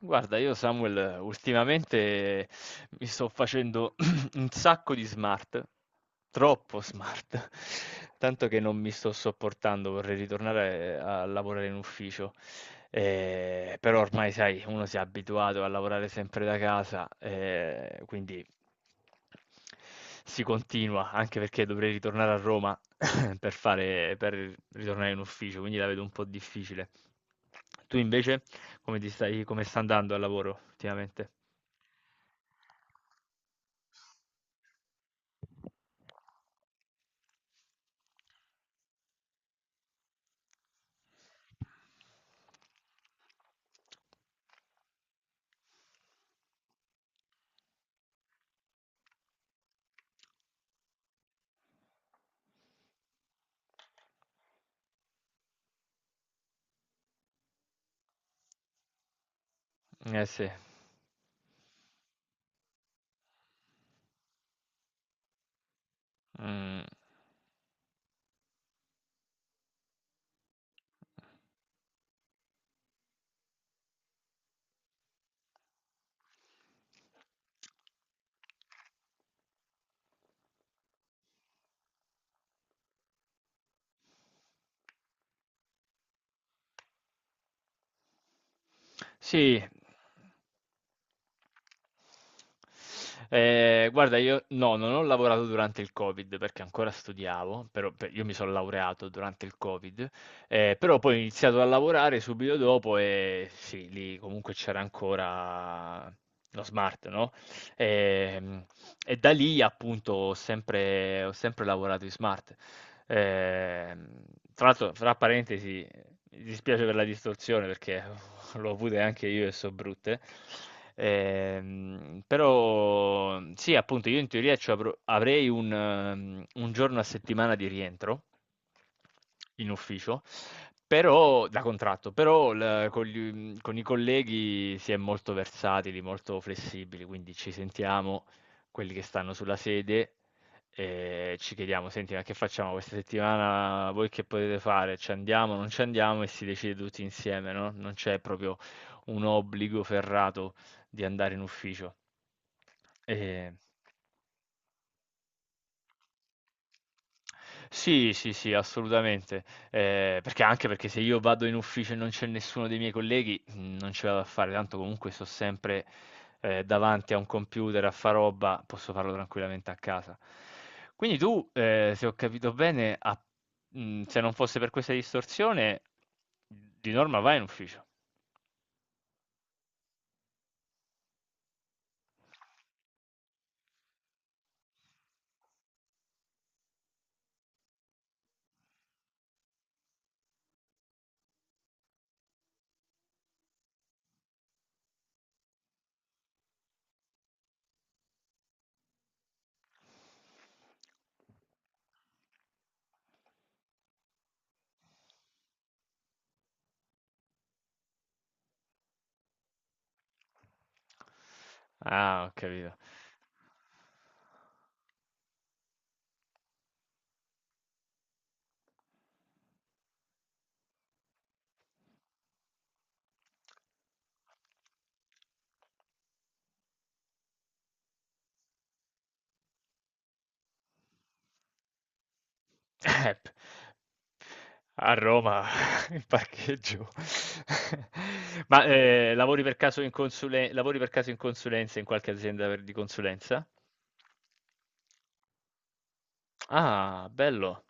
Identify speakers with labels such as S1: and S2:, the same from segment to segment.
S1: Guarda, io Samuel ultimamente mi sto facendo un sacco di smart, troppo smart, tanto che non mi sto sopportando, vorrei ritornare a lavorare in ufficio. Però ormai, sai, uno si è abituato a lavorare sempre da casa, quindi si continua, anche perché dovrei ritornare a Roma per ritornare in ufficio, quindi la vedo un po' difficile. Tu invece? Come sta andando al lavoro ultimamente? Eh sì. Mhmm, sì. Guarda io no, non ho lavorato durante il Covid perché ancora studiavo, però pe io mi son laureato durante il Covid, però poi ho iniziato a lavorare subito dopo e sì, lì comunque c'era ancora lo smart, no, ehm, e da lì appunto ho sempre lavorato in smart. Ehm, Tra l'altro fra parentesi, mi dispiace per la distorsione perché l'ho avute anche io e so brutte. Però sì, appunto, io in teoria avrei un giorno a settimana di rientro in ufficio, però da contratto, con, con i colleghi si è molto versatili, molto flessibili, quindi ci sentiamo quelli che stanno sulla sede e ci chiediamo: "Senti, ma che facciamo questa settimana? Voi che potete fare? Ci andiamo, non ci andiamo?" E si decide tutti insieme, no, non c'è proprio un obbligo ferrato di andare in ufficio. Ehm sì, sì, sì, assolutamente. Perché Anche perché se io vado in ufficio e non c'è nessuno dei miei colleghi, mhmm, non ce la vado a fare, tanto comunque sto sempre, davanti a un computer a fa roba, posso farlo tranquillamente a casa. Quindi tu, se ho capito bene, a mhmm, se non fosse per questa distorsione, di norma vai in ufficio. Ah, ho capito. P A Roma, in parcheggio. Ma, lavori per caso in consulenza, in qualche azienda per di consulenza? Ah, bello.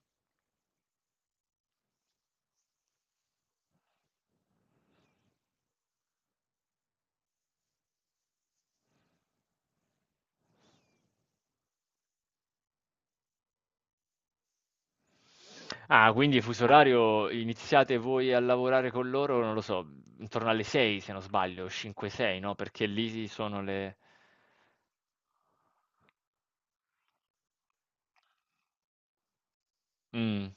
S1: Ah, quindi fuso orario iniziate voi a lavorare con loro, non lo so, mhmm, intorno alle 6 se non sbaglio, 5-6, no, perché lì sono le Mh.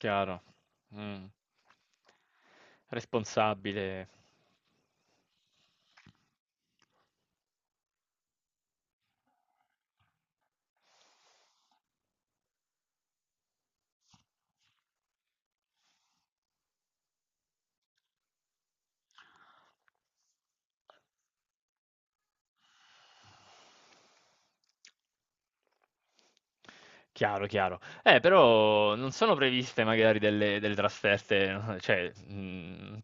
S1: Chiaro. Mh. Responsabile. Chiaro, chiaro. Però non sono previste magari delle trasferte, no, cioè,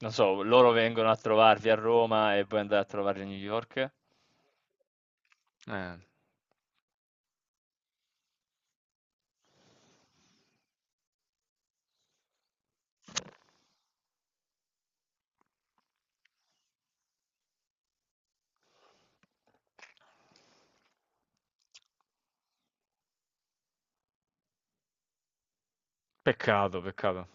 S1: non so, loro vengono a trovarvi a Roma e poi andate a trovarli a New York? Eh, peccato, peccato.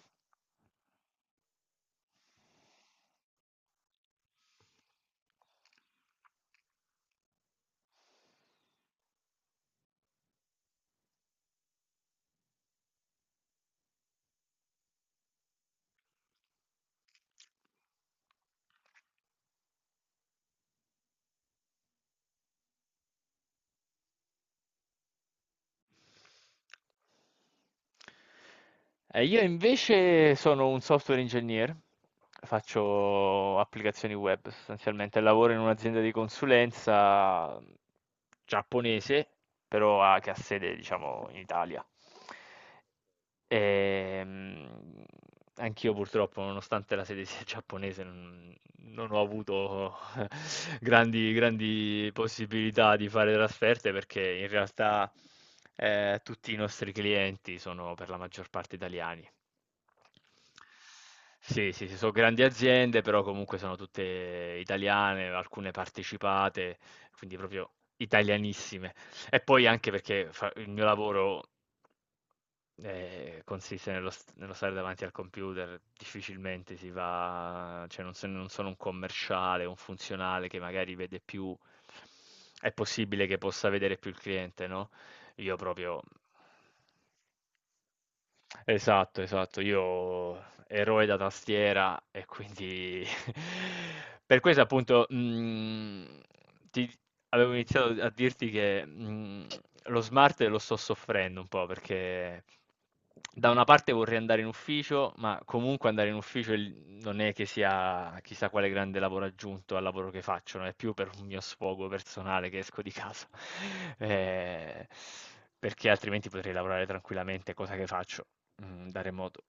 S1: Io invece sono un software engineer, faccio applicazioni web sostanzialmente, lavoro in un'azienda di consulenza giapponese, che ha sede, diciamo, in Italia. Ehm, Anch'io purtroppo, nonostante la sede sia giapponese, non ho avuto grandi possibilità di fare trasferte perché in realtà tutti i nostri clienti sono per la maggior parte italiani. Sì, sì, sì, sono grandi aziende, però comunque sono tutte italiane, alcune partecipate, quindi proprio italianissime. E poi anche perché fa il mio lavoro consiste nello stare davanti al computer, difficilmente si va, cioè non sono un commerciale, un funzionale che magari vede più, è possibile che possa vedere più il cliente, no? Io proprio esatto, esatto. Io eroe da tastiera e quindi per questo appunto, mhmm, ti avevo iniziato a dirti che, mhmm, lo smart lo sto soffrendo un po' perché da una parte vorrei andare in ufficio, ma comunque andare in ufficio il non è che sia chissà quale grande lavoro aggiunto al lavoro che faccio, no, è più per un mio sfogo personale che esco di casa, ehm, perché altrimenti potrei lavorare tranquillamente, cosa che faccio. Mhmm, da remoto.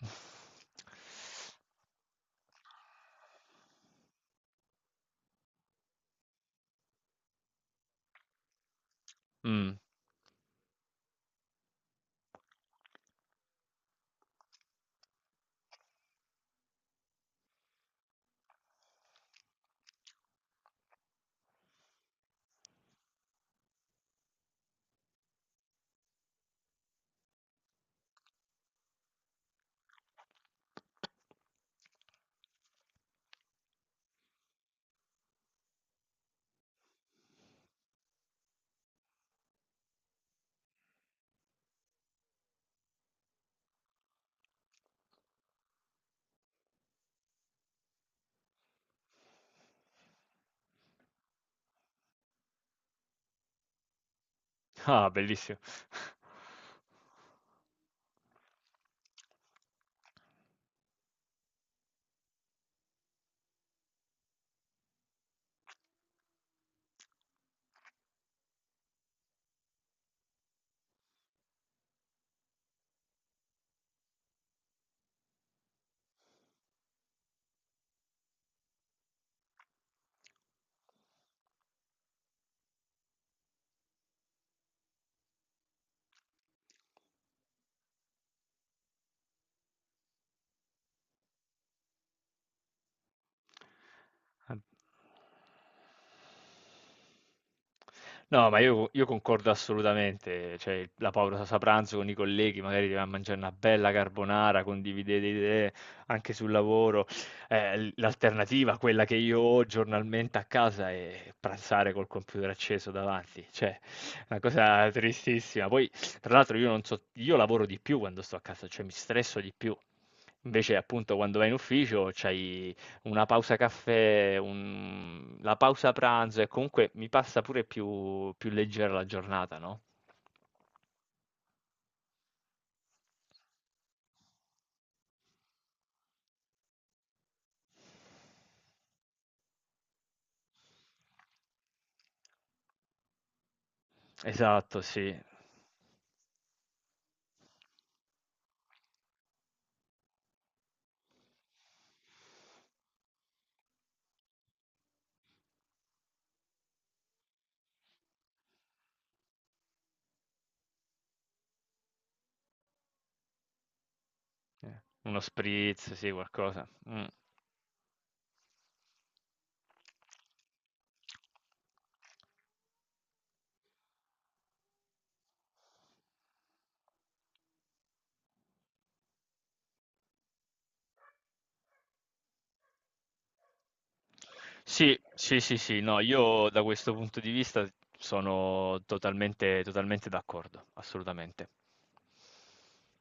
S1: Mh. Ah, bellissimo. Ad no, ma io concordo assolutamente, cioè il la pausa pranzo con i colleghi, magari ti vai a mangiare una bella carbonara, condividete idee anche sul lavoro. L'alternativa, quella che io ho giornalmente a casa, è pranzare col computer acceso davanti, cioè una cosa tristissima. Poi, tra l'altro, io non so io lavoro di più quando sto a casa, cioè mi stresso di più. Invece, appunto, quando vai in ufficio c'hai una pausa caffè, un la pausa pranzo e comunque mi passa pure più leggera la giornata, no. Esatto, sì. Uno spritz, sì, qualcosa. Mh. Sì, sì, sì, sì, no, io da questo punto di vista sono totalmente d'accordo, assolutamente.